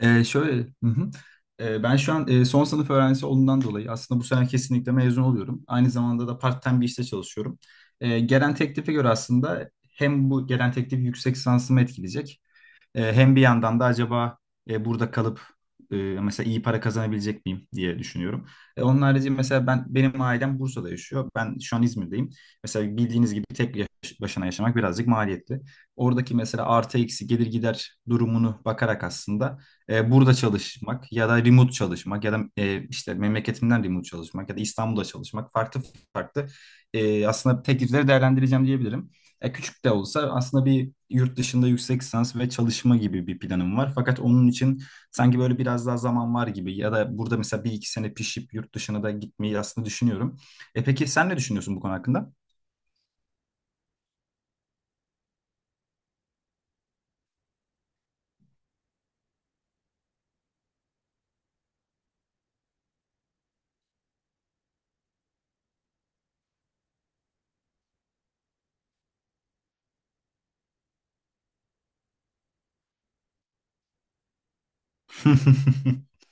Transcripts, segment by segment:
Şöyle, hı hı. Ben şu an son sınıf öğrencisi olduğundan dolayı aslında bu sene kesinlikle mezun oluyorum. Aynı zamanda da part-time bir işte çalışıyorum. Gelen teklife göre aslında hem bu gelen teklif yüksek lisansımı etkileyecek, hem bir yandan da acaba burada kalıp mesela iyi para kazanabilecek miyim diye düşünüyorum. Onun harici mesela benim ailem Bursa'da yaşıyor. Ben şu an İzmir'deyim. Mesela bildiğiniz gibi tek başına yaşamak birazcık maliyetli. Oradaki mesela artı eksi gelir gider durumunu bakarak aslında burada çalışmak ya da remote çalışmak ya da işte memleketimden remote çalışmak ya da İstanbul'da çalışmak farklı farklı, aslında teklifleri değerlendireceğim diyebilirim. Ya küçük de olsa aslında bir yurt dışında yüksek lisans ve çalışma gibi bir planım var. Fakat onun için sanki böyle biraz daha zaman var gibi ya da burada mesela bir iki sene pişip yurt dışına da gitmeyi aslında düşünüyorum. E peki sen ne düşünüyorsun bu konu hakkında?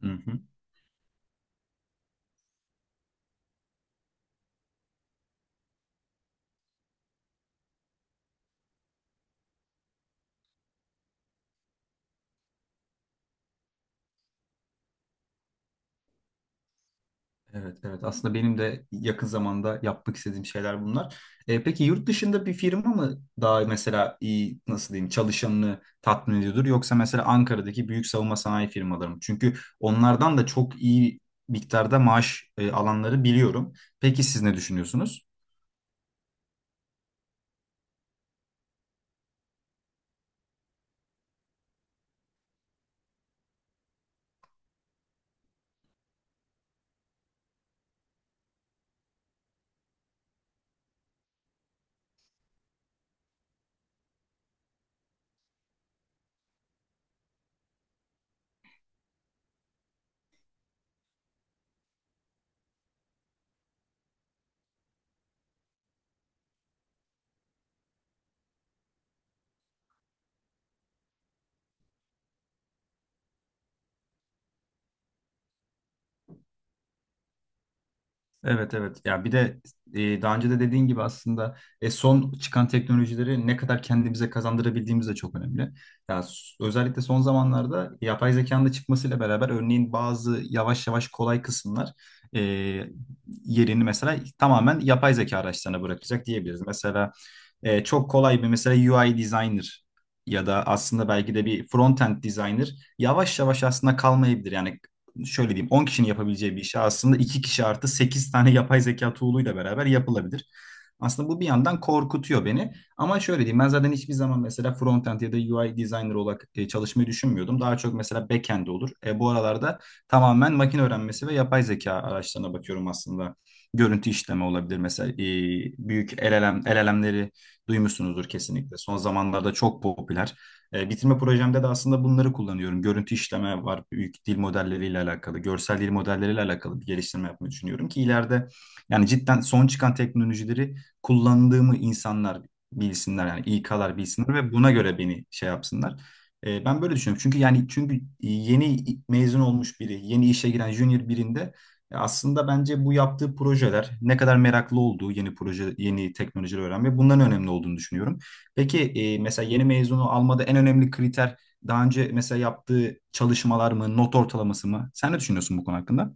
Hı hı. Evet, evet. Aslında benim de yakın zamanda yapmak istediğim şeyler bunlar. Peki yurt dışında bir firma mı daha mesela iyi, nasıl diyeyim, çalışanını tatmin ediyordur, yoksa mesela Ankara'daki büyük savunma sanayi firmaları mı? Çünkü onlardan da çok iyi miktarda maaş alanları biliyorum. Peki siz ne düşünüyorsunuz? Evet, evet. Ya bir de daha önce de dediğin gibi aslında son çıkan teknolojileri ne kadar kendimize kazandırabildiğimiz de çok önemli. Ya özellikle son zamanlarda yapay zekanın da çıkmasıyla beraber örneğin bazı yavaş yavaş kolay kısımlar e, yerini mesela tamamen yapay zeka araçlarına bırakacak diyebiliriz. Mesela çok kolay bir mesela UI designer ya da aslında belki de bir front-end designer yavaş yavaş aslında kalmayabilir. Yani şöyle diyeyim, 10 kişinin yapabileceği bir işi aslında 2 kişi artı 8 tane yapay zeka tool'uyla beraber yapılabilir. Aslında bu bir yandan korkutuyor beni. Ama şöyle diyeyim, ben zaten hiçbir zaman mesela front-end ya da UI designer olarak çalışmayı düşünmüyordum. Daha çok mesela back-end olur. Bu aralarda tamamen makine öğrenmesi ve yapay zeka araçlarına bakıyorum aslında. Görüntü işleme olabilir mesela, büyük LLM, LLM'leri duymuşsunuzdur kesinlikle. Son zamanlarda çok popüler. Bitirme projemde de aslında bunları kullanıyorum. Görüntü işleme var, büyük dil modelleriyle alakalı, görsel dil modelleriyle alakalı bir geliştirme yapmayı düşünüyorum ki ileride yani cidden son çıkan teknolojileri kullandığımı insanlar bilsinler, yani İK'lar bilsinler ve buna göre beni şey yapsınlar. Ben böyle düşünüyorum. Çünkü yani çünkü yeni mezun olmuş biri, yeni işe giren junior birinde, ya aslında bence bu yaptığı projeler, ne kadar meraklı olduğu, yeni proje, yeni teknolojileri öğrenme, bunların önemli olduğunu düşünüyorum. Peki mesela yeni mezunu almada en önemli kriter daha önce mesela yaptığı çalışmalar mı, not ortalaması mı? Sen ne düşünüyorsun bu konu hakkında?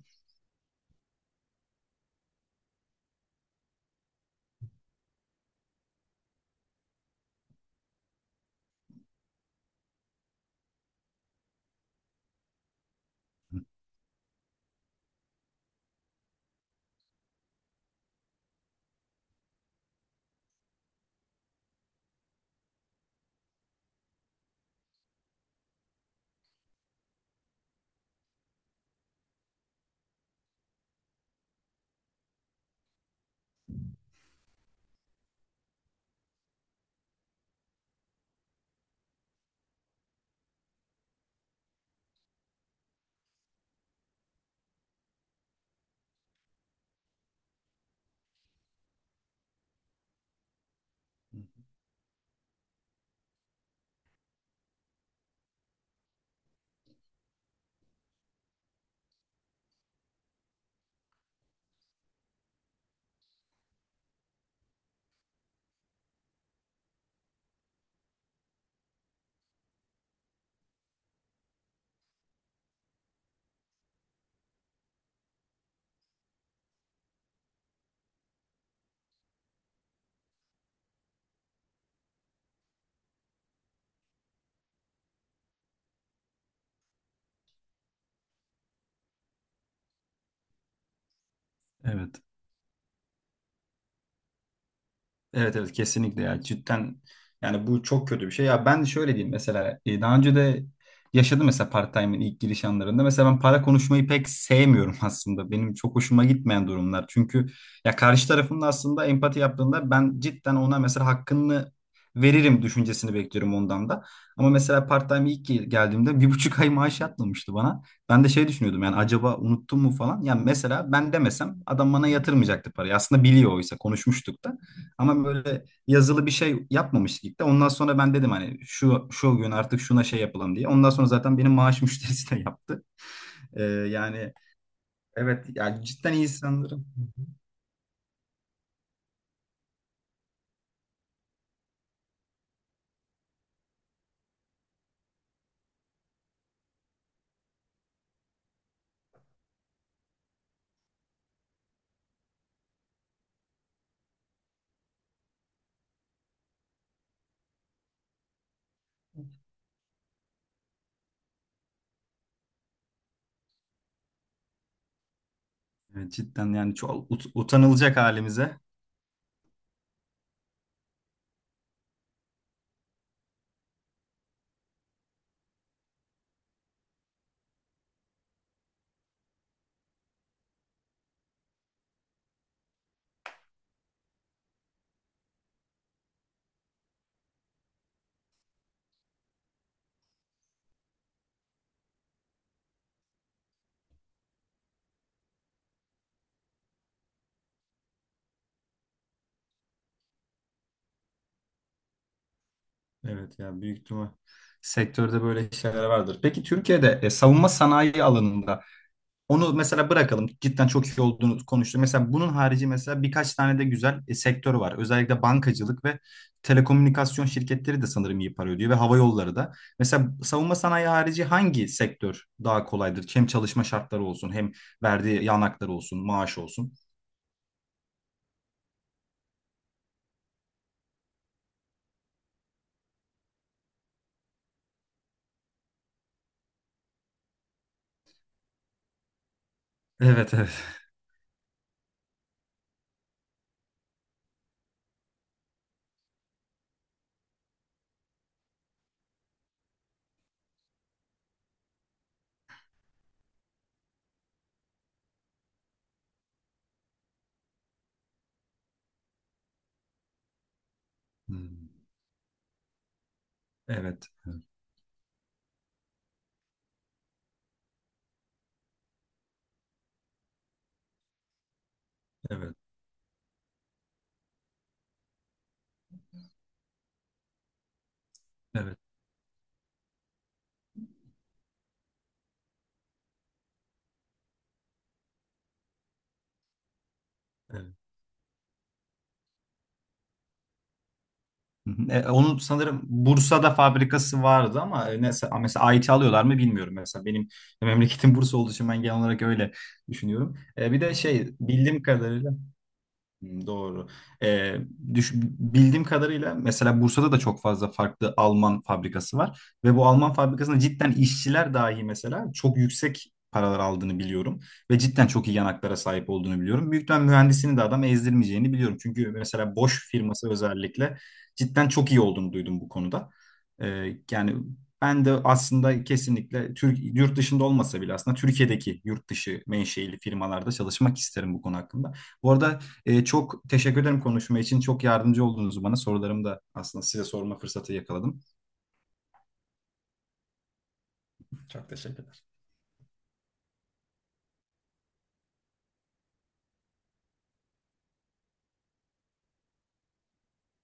Evet. Evet, evet, kesinlikle ya, cidden yani bu çok kötü bir şey ya. Ben şöyle diyeyim, mesela daha önce de yaşadım mesela part-time'in ilk giriş anlarında, mesela ben para konuşmayı pek sevmiyorum aslında, benim çok hoşuma gitmeyen durumlar. Çünkü ya karşı tarafında aslında empati yaptığında ben cidden ona mesela hakkını veririm düşüncesini bekliyorum ondan da, ama mesela part-time ilk geldiğimde 1,5 ay maaş yatmamıştı bana. Ben de şey düşünüyordum, yani acaba unuttum mu falan, yani mesela ben demesem adam bana yatırmayacaktı parayı aslında, biliyor, oysa konuşmuştuk da, ama böyle yazılı bir şey yapmamıştık ilk de. Ondan sonra ben dedim hani şu şu gün artık şuna şey yapalım diye. Ondan sonra zaten benim maaş müşterisi de yaptı. Yani evet ya, cidden iyi sanırım. Evet, cidden yani çok utanılacak halimize. Evet ya, büyük ihtimal sektörde böyle şeyler vardır. Peki Türkiye'de savunma sanayi alanında, onu mesela bırakalım. Cidden çok iyi olduğunu konuştuk. Mesela bunun harici mesela birkaç tane de güzel sektör var. Özellikle bankacılık ve telekomünikasyon şirketleri de sanırım iyi para ödüyor ve hava yolları da. Mesela savunma sanayi harici hangi sektör daha kolaydır? Hem çalışma şartları olsun, hem verdiği yanakları olsun, maaş olsun. Evet, evet. Hmm. Evet, evet, evet, evet, evet. Hı hı. Onun sanırım Bursa'da fabrikası vardı ama, neyse, a, mesela IT alıyorlar mı bilmiyorum mesela. Benim memleketim Bursa olduğu için ben genel olarak öyle düşünüyorum. Bir de şey, bildiğim kadarıyla, hmm, doğru. Ee, düş, bildiğim kadarıyla mesela Bursa'da da çok fazla farklı Alman fabrikası var ve bu Alman fabrikasında cidden işçiler dahi mesela çok yüksek paralar aldığını biliyorum ve cidden çok iyi yanaklara sahip olduğunu biliyorum. Büyük ihtimal mühendisini de adam ezdirmeyeceğini biliyorum. Çünkü mesela Bosch firması özellikle cidden çok iyi olduğunu duydum bu konuda. Yani ben de aslında kesinlikle Türk, yurt dışında olmasa bile aslında Türkiye'deki yurt dışı menşeili firmalarda çalışmak isterim bu konu hakkında. Bu arada çok teşekkür ederim konuşma için. Çok yardımcı oldunuz bana. Sorularımı da aslında size sorma fırsatı yakaladım. Çok teşekkür